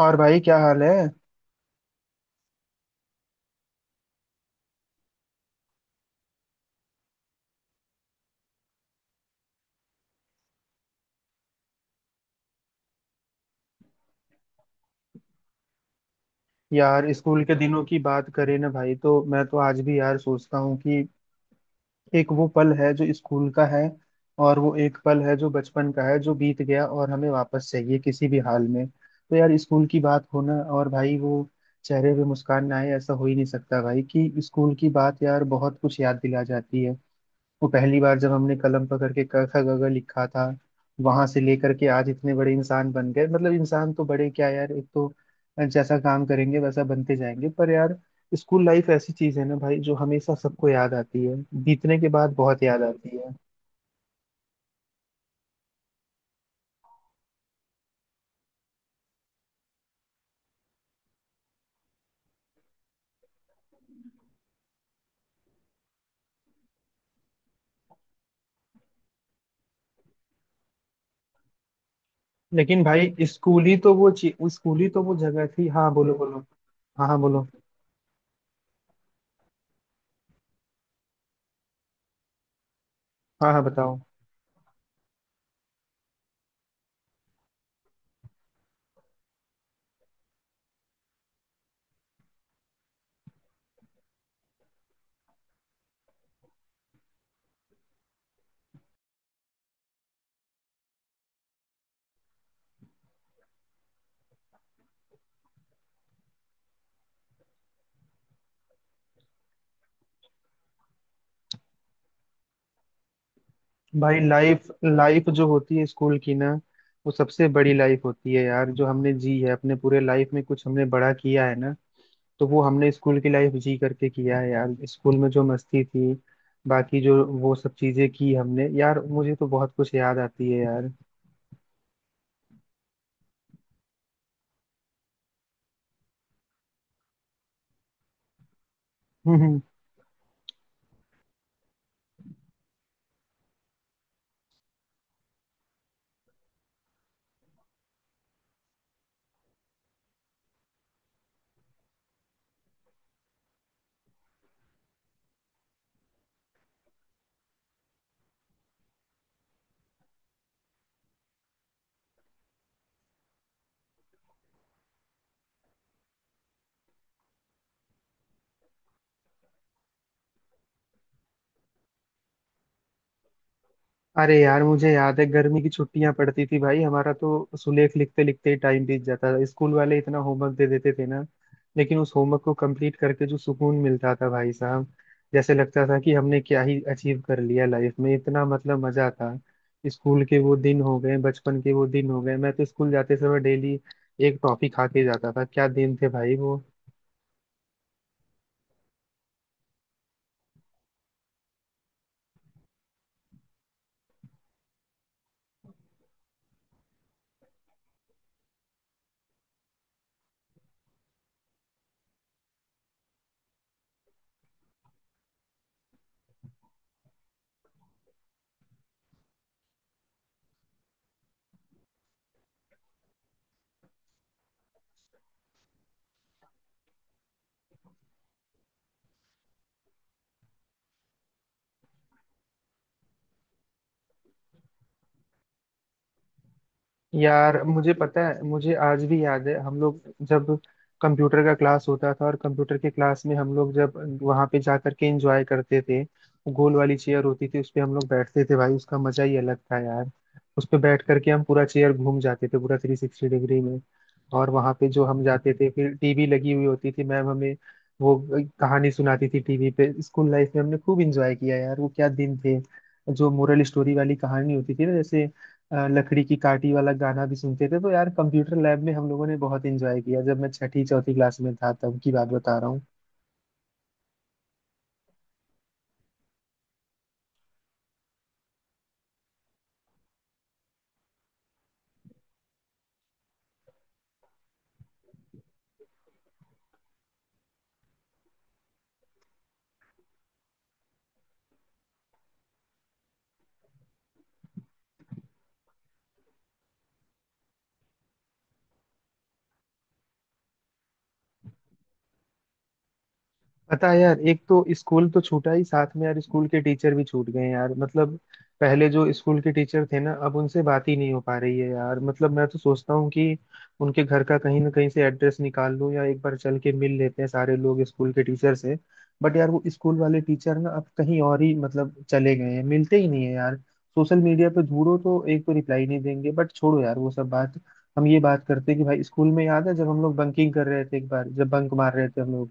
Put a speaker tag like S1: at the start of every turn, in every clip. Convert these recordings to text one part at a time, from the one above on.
S1: और भाई क्या हाल है? यार स्कूल के दिनों की बात करें ना भाई, तो मैं तो आज भी यार सोचता हूँ कि एक वो पल है जो स्कूल का है और वो एक पल है जो बचपन का है, जो बीत गया और हमें वापस चाहिए किसी भी हाल में। तो यार स्कूल की बात हो ना, और भाई वो चेहरे पे मुस्कान ना आए ऐसा हो ही नहीं सकता भाई, कि स्कूल की बात यार बहुत कुछ याद दिला जाती है। वो पहली बार जब हमने कलम पकड़ के क ख ग घ लिखा था, वहां से लेकर के आज इतने बड़े इंसान बन गए। मतलब इंसान तो बड़े क्या यार, एक तो जैसा काम करेंगे वैसा बनते जाएंगे, पर यार स्कूल लाइफ ऐसी चीज है ना भाई जो हमेशा सबको याद आती है, बीतने के बाद बहुत याद आती है। लेकिन भाई स्कूल ही तो वो जगह थी। हाँ, बोलो बोलो। हाँ हाँ, बोलो। हाँ हाँ, बताओ। भाई लाइफ लाइफ जो होती है स्कूल की ना, वो सबसे बड़ी लाइफ होती है यार, जो हमने जी है। अपने पूरे लाइफ में कुछ हमने बड़ा किया है ना, तो वो हमने स्कूल की लाइफ जी करके किया है। यार स्कूल में जो मस्ती थी, बाकी जो वो सब चीजें की हमने यार, मुझे तो बहुत कुछ याद आती है यार। अरे यार, मुझे याद है गर्मी की छुट्टियां पड़ती थी भाई, हमारा तो सुलेख लिखते लिखते ही टाइम बीत जाता था, स्कूल वाले इतना होमवर्क दे देते थे ना। लेकिन उस होमवर्क को कंप्लीट करके जो सुकून मिलता था भाई साहब, जैसे लगता था कि हमने क्या ही अचीव कर लिया लाइफ में, इतना मतलब मजा था। स्कूल के वो दिन हो गए, बचपन के वो दिन हो गए, मैं तो स्कूल जाते समय डेली एक टॉफी खा के जाता था, क्या दिन थे भाई वो। यार मुझे पता है, मुझे आज भी याद है हम लोग जब कंप्यूटर का क्लास होता था, और कंप्यूटर के क्लास में हम लोग जब वहां पे जा करके एंजॉय करते थे, गोल वाली चेयर होती थी उस पे हम लोग बैठते थे भाई, उसका मजा ही अलग था यार। उस पे बैठ करके हम पूरा चेयर घूम जाते थे, पूरा 360 डिग्री में। और वहां पे जो हम जाते थे, फिर टीवी लगी हुई होती थी, मैम हमें वो कहानी सुनाती थी टीवी पे। स्कूल लाइफ में हमने खूब एंजॉय किया यार, वो क्या दिन थे। जो मोरल स्टोरी वाली कहानी होती थी ना, जैसे लकड़ी की काटी वाला गाना भी सुनते थे, तो यार कंप्यूटर लैब में हम लोगों ने बहुत एंजॉय किया। जब मैं छठी चौथी क्लास में था तब की बात बता रहा हूँ। पता है यार, एक तो स्कूल तो छूटा ही, साथ में यार स्कूल के टीचर भी छूट गए हैं यार। मतलब पहले जो स्कूल के टीचर थे ना, अब उनसे बात ही नहीं हो पा रही है यार। मतलब मैं तो सोचता हूँ कि उनके घर का कहीं ना कहीं से एड्रेस निकाल लूँ, या एक बार चल के मिल लेते हैं सारे लोग स्कूल के टीचर से। बट यार वो स्कूल वाले टीचर ना अब कहीं और ही मतलब चले गए हैं, मिलते ही नहीं है यार। सोशल मीडिया पे ढूंढो तो एक तो रिप्लाई नहीं देंगे। बट छोड़ो यार वो सब बात, हम ये बात करते हैं कि भाई स्कूल में याद है जब हम लोग बंकिंग कर रहे थे, एक बार जब बंक मार रहे थे हम लोग।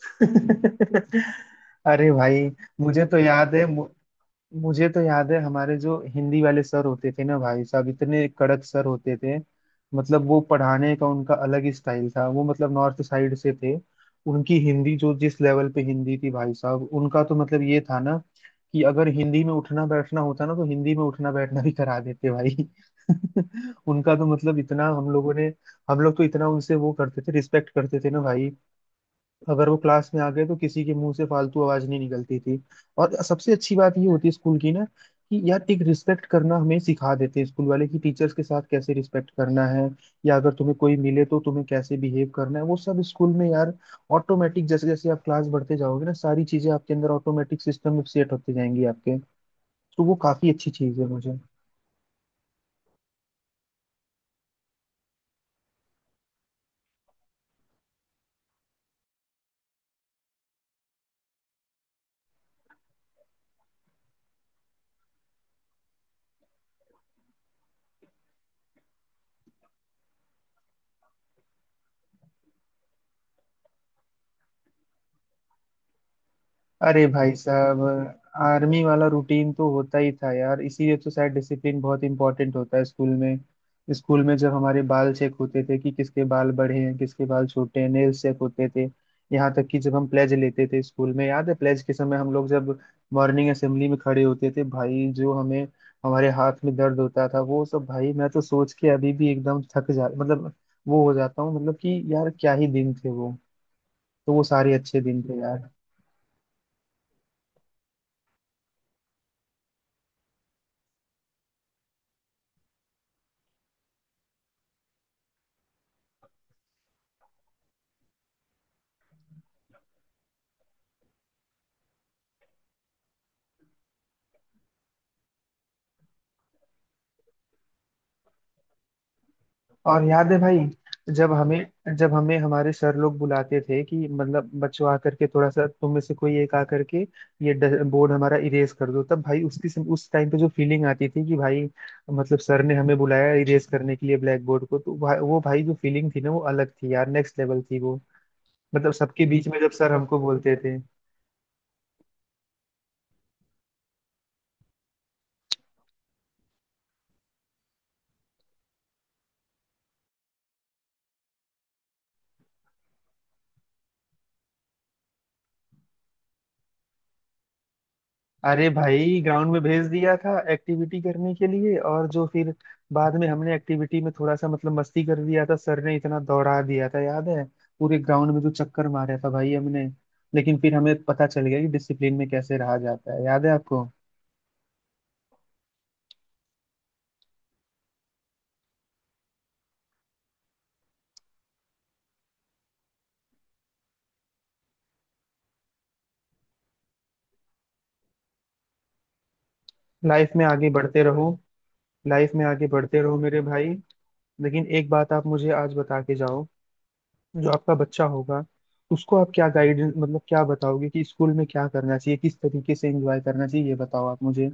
S1: अरे भाई, मुझे तो याद है मुझे तो याद है हमारे जो हिंदी वाले सर होते थे ना भाई साहब, इतने कड़क सर होते थे। मतलब वो पढ़ाने का उनका अलग ही स्टाइल था, वो मतलब नॉर्थ साइड से थे। उनकी हिंदी जो जिस लेवल पे हिंदी थी भाई साहब, उनका तो मतलब ये था ना कि अगर हिंदी में उठना बैठना होता ना, तो हिंदी में उठना बैठना भी करा देते भाई। उनका तो मतलब इतना हम लोग तो इतना उनसे वो करते थे, रिस्पेक्ट करते थे ना भाई। अगर वो क्लास में आ गए तो किसी के मुंह से फालतू आवाज नहीं निकलती थी। और सबसे अच्छी बात ये होती है स्कूल की ना, कि यार एक रिस्पेक्ट करना हमें सिखा देते हैं स्कूल वाले, कि टीचर्स के साथ कैसे रिस्पेक्ट करना है, या अगर तुम्हें कोई मिले तो तुम्हें कैसे बिहेव करना है, वो सब स्कूल में यार ऑटोमेटिक जैसे जैसे आप क्लास बढ़ते जाओगे ना, सारी चीजें आपके अंदर ऑटोमेटिक सिस्टम में सेट होती जाएंगी आपके। तो वो काफी अच्छी चीज है मुझे। अरे भाई साहब, आर्मी वाला रूटीन तो होता ही था यार, इसीलिए तो शायद डिसिप्लिन बहुत इंपॉर्टेंट होता है स्कूल में। स्कूल में जब हमारे बाल चेक होते थे कि किसके बाल बड़े हैं किसके बाल छोटे हैं, नेल्स चेक होते थे, यहाँ तक कि जब हम प्लेज लेते थे स्कूल में। याद है? प्लेज के समय हम लोग जब मॉर्निंग असेंबली में खड़े होते थे भाई, जो हमें हमारे हाथ में दर्द होता था वो सब भाई, मैं तो सोच के अभी भी एकदम थक जा मतलब वो हो जाता हूँ, मतलब कि यार क्या ही दिन थे वो। तो वो सारे अच्छे दिन थे यार। और याद है भाई, जब हमें हमारे सर लोग बुलाते थे कि मतलब बच्चों, आकर के थोड़ा सा तुम में से कोई एक आकर के ये बोर्ड हमारा इरेज कर दो, तब भाई उस टाइम पे जो फीलिंग आती थी कि भाई मतलब सर ने हमें बुलाया इरेज करने के लिए ब्लैक बोर्ड को, तो वो भाई जो फीलिंग थी ना, वो अलग थी यार, नेक्स्ट लेवल थी वो। मतलब सबके बीच में जब सर हमको बोलते थे। अरे भाई, ग्राउंड में भेज दिया था एक्टिविटी करने के लिए, और जो फिर बाद में हमने एक्टिविटी में थोड़ा सा मतलब मस्ती कर दिया था, सर ने इतना दौड़ा दिया था याद है, पूरे ग्राउंड में जो चक्कर मारा था भाई हमने। लेकिन फिर हमें पता चल गया कि डिसिप्लिन में कैसे रहा जाता है, याद है आपको? लाइफ में आगे बढ़ते रहो। लाइफ में आगे बढ़ते रहो मेरे भाई। लेकिन एक बात आप मुझे आज बता के जाओ, जो आपका बच्चा होगा उसको आप क्या गाइडेंस, मतलब क्या बताओगे कि स्कूल में क्या करना चाहिए, किस तरीके से एंजॉय करना चाहिए, ये बताओ आप मुझे।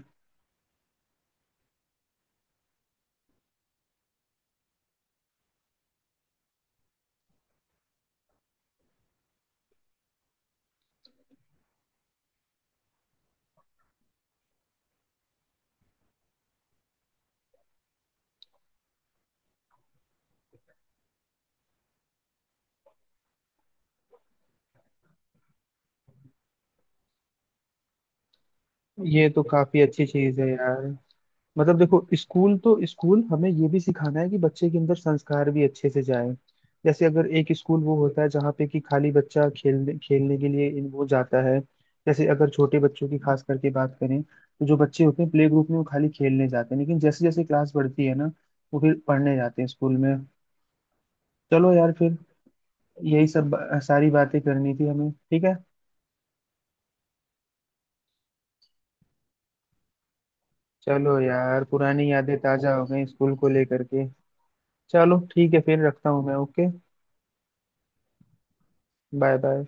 S1: ये तो काफी अच्छी चीज है यार। मतलब देखो, स्कूल तो स्कूल हमें ये भी सिखाना है कि बच्चे के अंदर संस्कार भी अच्छे से जाए। जैसे अगर एक स्कूल वो होता है जहाँ पे कि खाली बच्चा खेलने खेलने के लिए वो जाता है। जैसे अगर छोटे बच्चों की खास करके बात करें तो जो बच्चे होते हैं प्ले ग्रुप में वो खाली खेलने जाते हैं, लेकिन जैसे जैसे क्लास बढ़ती है ना वो फिर पढ़ने जाते हैं स्कूल में। चलो यार फिर यही सब सारी बातें करनी थी हमें, ठीक है। चलो यार, पुरानी यादें ताजा हो गई स्कूल को लेकर के। चलो, ठीक है फिर, रखता हूँ मैं, ओके। Bye bye.